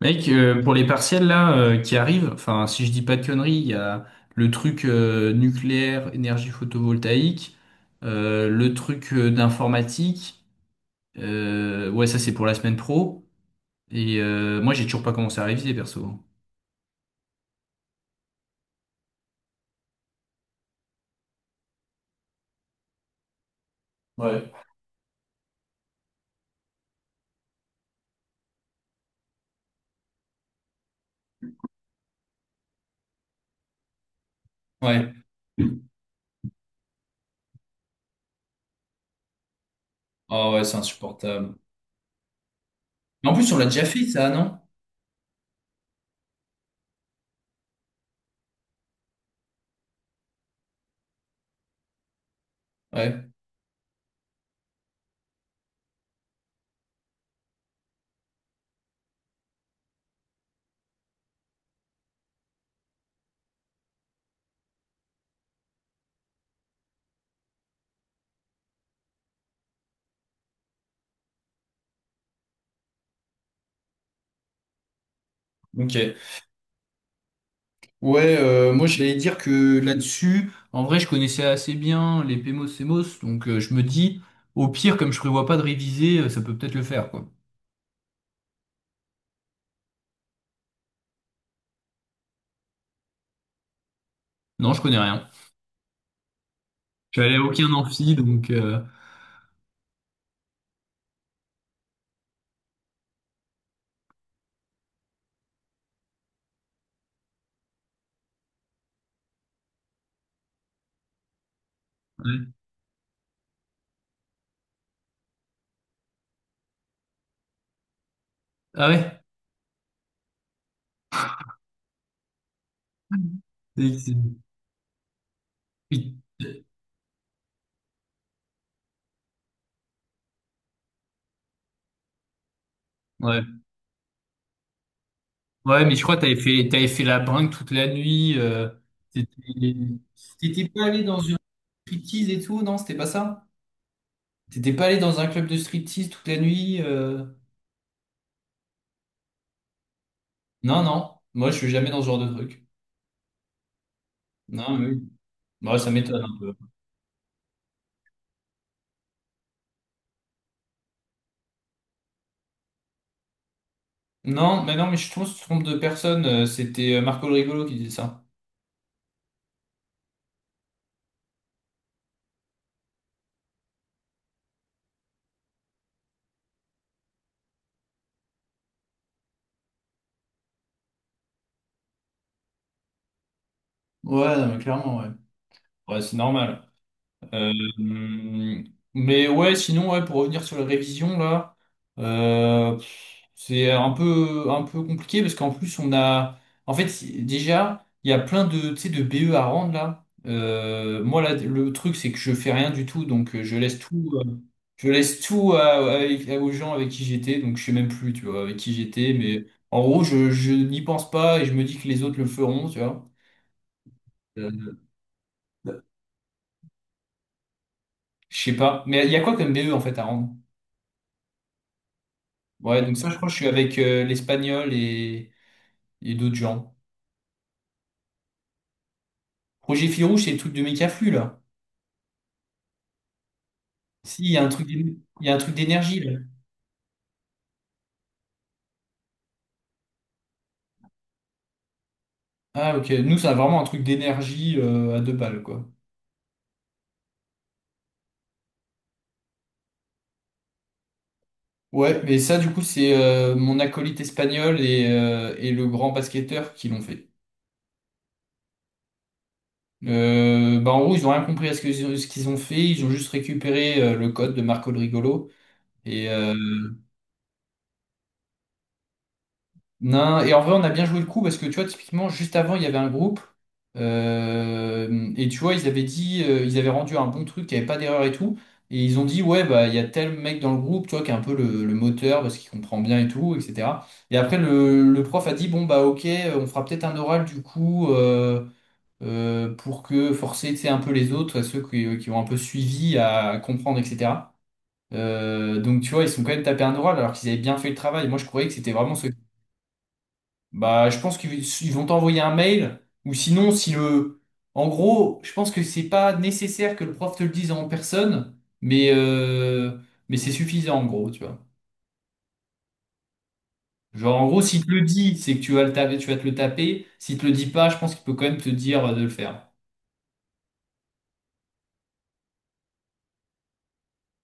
Mec, pour les partiels là qui arrivent, enfin si je dis pas de conneries, il y a le truc nucléaire, énergie photovoltaïque, le truc d'informatique. Ouais, ça c'est pour la semaine pro. Et moi j'ai toujours pas commencé à réviser perso. Ouais. Ouais. Ah ouais, c'est insupportable. Mais en plus, on l'a déjà fait, ça, non? Ouais. Ok. Ouais, moi j'allais dire que là-dessus, en vrai, je connaissais assez bien les PMOS, CMOS, donc je me dis, au pire, comme je prévois pas de réviser, ça peut peut-être le faire, quoi. Non, je connais rien. Je suis allé à aucun amphi, donc... ouais. Ah ouais? C'est- c'est- oui. Ouais. Ouais, mais je crois que t'avais fait la brinque toute la nuit. T'étais t'étais pas allé dans une striptease et tout, non, c'était pas ça? T'étais pas allé dans un club de striptease toute la nuit? Non, non. Moi, je suis jamais dans ce genre de truc. Non, mais oui. Bah, ça m'étonne un peu. Non, mais non, mais je trompe de personne. C'était Marco le Rigolo qui disait ça. Ouais, non, mais clairement, ouais. Ouais, c'est normal. Euh, mais ouais, sinon, ouais, pour revenir sur les révisions, là, c'est un peu compliqué parce qu'en plus, on a. En fait, déjà, il y a plein de, tu sais, de BE à rendre, là. Moi, là, le truc, c'est que je fais rien du tout, donc je laisse tout, je laisse aux gens avec qui j'étais, donc je sais même plus, tu vois, avec qui j'étais, mais en gros, je n'y pense pas et je me dis que les autres le feront, tu vois. Euh, je sais pas. Mais il y a quoi comme BE, en fait, à rendre? Ouais, donc ça, je crois que je suis avec l'Espagnol et d'autres gens. Projet Fil Rouge, c'est le truc de Mécaflux, là. Si, il y a il y a un truc d'énergie, là. Ah, ok. Nous, c'est vraiment un truc d'énergie à deux balles, quoi. Ouais, mais ça, du coup, c'est mon acolyte espagnol et le grand basketteur qui l'ont fait. Bah, en gros, ils ont rien compris à ce qu'ils ont fait. Ils ont juste récupéré le code de Marco le Rigolo. Et, non, et en vrai, on a bien joué le coup parce que tu vois, typiquement, juste avant, il y avait un groupe et tu vois, ils avaient dit, ils avaient rendu un bon truc, il n'y avait pas d'erreur et tout. Et ils ont dit, ouais, bah, il y a tel mec dans le groupe, tu vois, qui est un peu le moteur parce qu'il comprend bien et tout, etc. Et après, le prof a dit, bon, bah, ok, on fera peut-être un oral du coup pour que forcer, tu sais, un peu les autres, ceux qui ont un peu suivi à comprendre, etc. Donc, tu vois, ils sont quand même tapés un oral alors qu'ils avaient bien fait le travail. Moi, je croyais que c'était vraiment ceux bah, je pense qu'ils ils vont t'envoyer un mail, ou sinon, si le... En gros, je pense que c'est pas nécessaire que le prof te le dise en personne, mais, euh, mais c'est suffisant, en gros, tu vois. Genre, en gros, s'il te le dit, c'est que tu vas te le taper. S'il te le dit pas, je pense qu'il peut quand même te dire de le faire.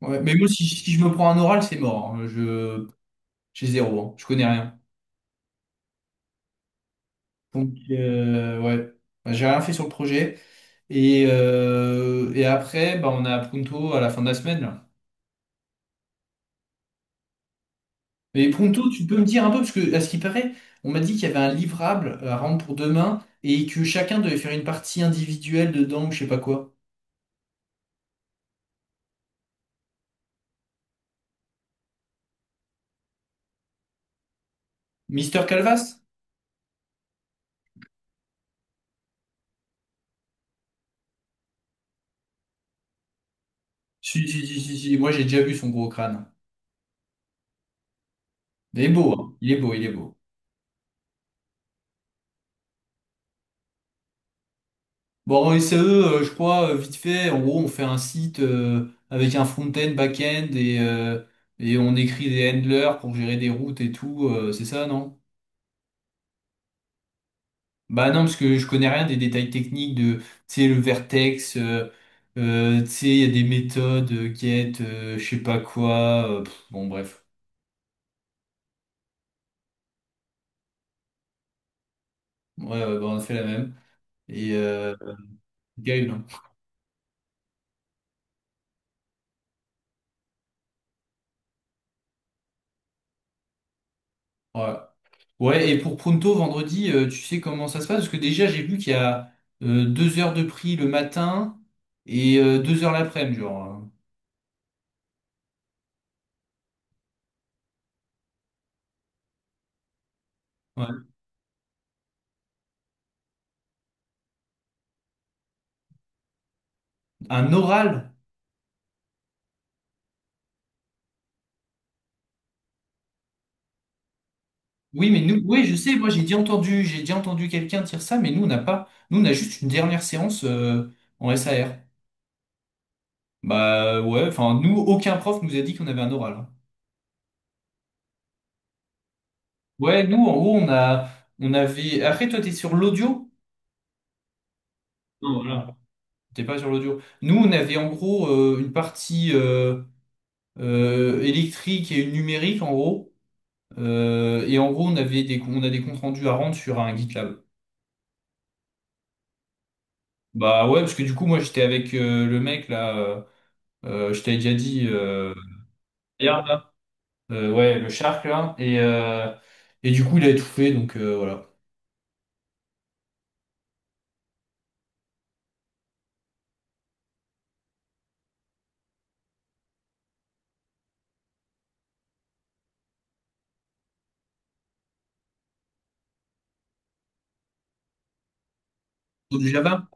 Ouais, mais moi, si je me prends un oral, c'est mort. Hein. J'ai zéro, hein. Je connais rien. Donc, ouais. Bah, j'ai rien fait sur le projet. Et après, bah, on a Pronto à la fin de la semaine, là. Mais Pronto, tu peux me dire un peu, parce que à ce qui paraît, on m'a dit qu'il y avait un livrable à rendre pour demain et que chacun devait faire une partie individuelle dedans ou je sais pas quoi. Mister Calvas? Si, si, si, si, si, moi j'ai déjà vu son gros crâne. Il est beau, hein. Il est beau, il est beau. Bon, en SAE, je crois, vite fait, en gros, on fait un site avec un front-end, back-end et on écrit des handlers pour gérer des routes et tout, c'est ça, non? Bah non, parce que je connais rien des détails techniques de, tu sais, le vertex, tu sais, il y a des méthodes, get, je sais pas quoi, bon bref. Ouais, ouais, bah, on a fait la même. Et Gaël, hein. Ouais. Ouais, et pour Pronto, vendredi, tu sais comment ça se passe? Parce que déjà, j'ai vu qu'il y a deux heures de prix le matin et deux heures l'après-midi, genre. Hein. Ouais. Un oral Oui, mais nous, oui, je sais, moi j'ai déjà entendu quelqu'un dire ça, mais nous on n'a pas, nous on a juste une dernière séance en SAR. Bah ouais, enfin nous, aucun prof nous a dit qu'on avait un oral. Hein. Ouais, nous en gros on avait. Après toi t'es sur l'audio? Non, voilà. T'es pas sur l'audio. Nous on avait en gros une partie électrique et une numérique en gros. Et en gros on a des comptes rendus à rendre sur un GitLab. Bah ouais, parce que du coup moi j'étais avec le mec là, je t'avais déjà dit. Gaillard, là. Ouais, le Shark, là. Et du coup, il a étouffé, donc voilà. C'est du Java?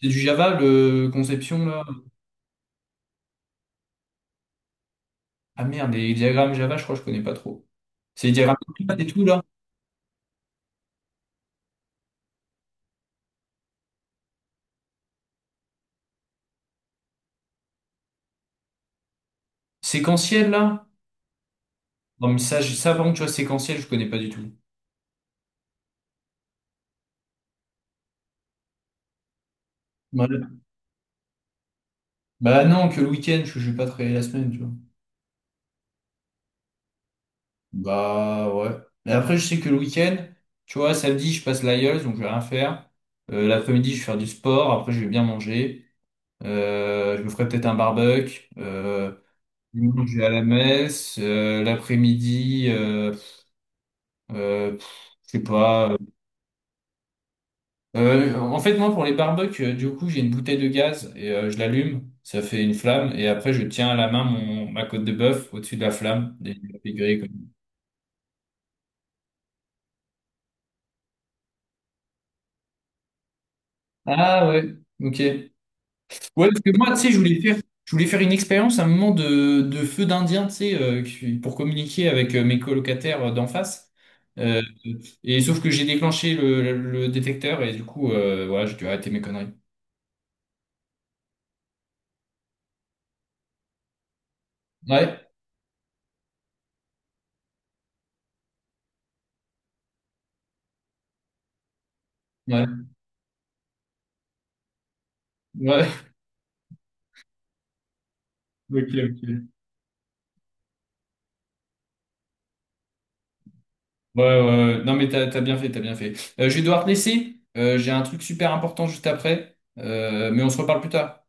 C'est du Java, le conception, là. Ah merde, les diagrammes Java, je crois que je connais pas trop. C'est les diagrammes de classe et tout, là. Séquentiel, là. Non, mais ça, ça, par contre, tu vois, séquentiel, je connais pas du tout. Ouais. Bah non, que le week-end, je vais pas travailler la semaine, tu vois. Bah ouais. Mais après, je sais que le week-end, tu vois, samedi, je passe l'IELTS, donc je vais rien faire. L'après-midi, je vais faire du sport. Après, je vais bien manger. Je me ferai peut-être un barbecue. Dimanche, je vais à la messe. L'après-midi, je sais pas. En fait, moi, pour les barbecues, du coup, j'ai une bouteille de gaz et je l'allume. Ça fait une flamme. Et après, je tiens à la main mon, ma côte de bœuf au-dessus de la flamme. Des grillés, quoi. Ah ouais, ok. Ouais, parce que moi, tu sais, je voulais faire une expérience à un moment de feu d'Indien, tu sais, pour communiquer avec mes colocataires d'en face. Euh, et sauf que j'ai déclenché le détecteur et du coup, voilà, j'ai dû arrêter mes conneries. Ouais, ouais, ouais. Ok, ok. Ouais, ouais, ouais. Non, mais t'as bien fait, t'as bien fait. Je vais devoir te laisser. J'ai un truc super important juste après. Mais on se reparle plus tard.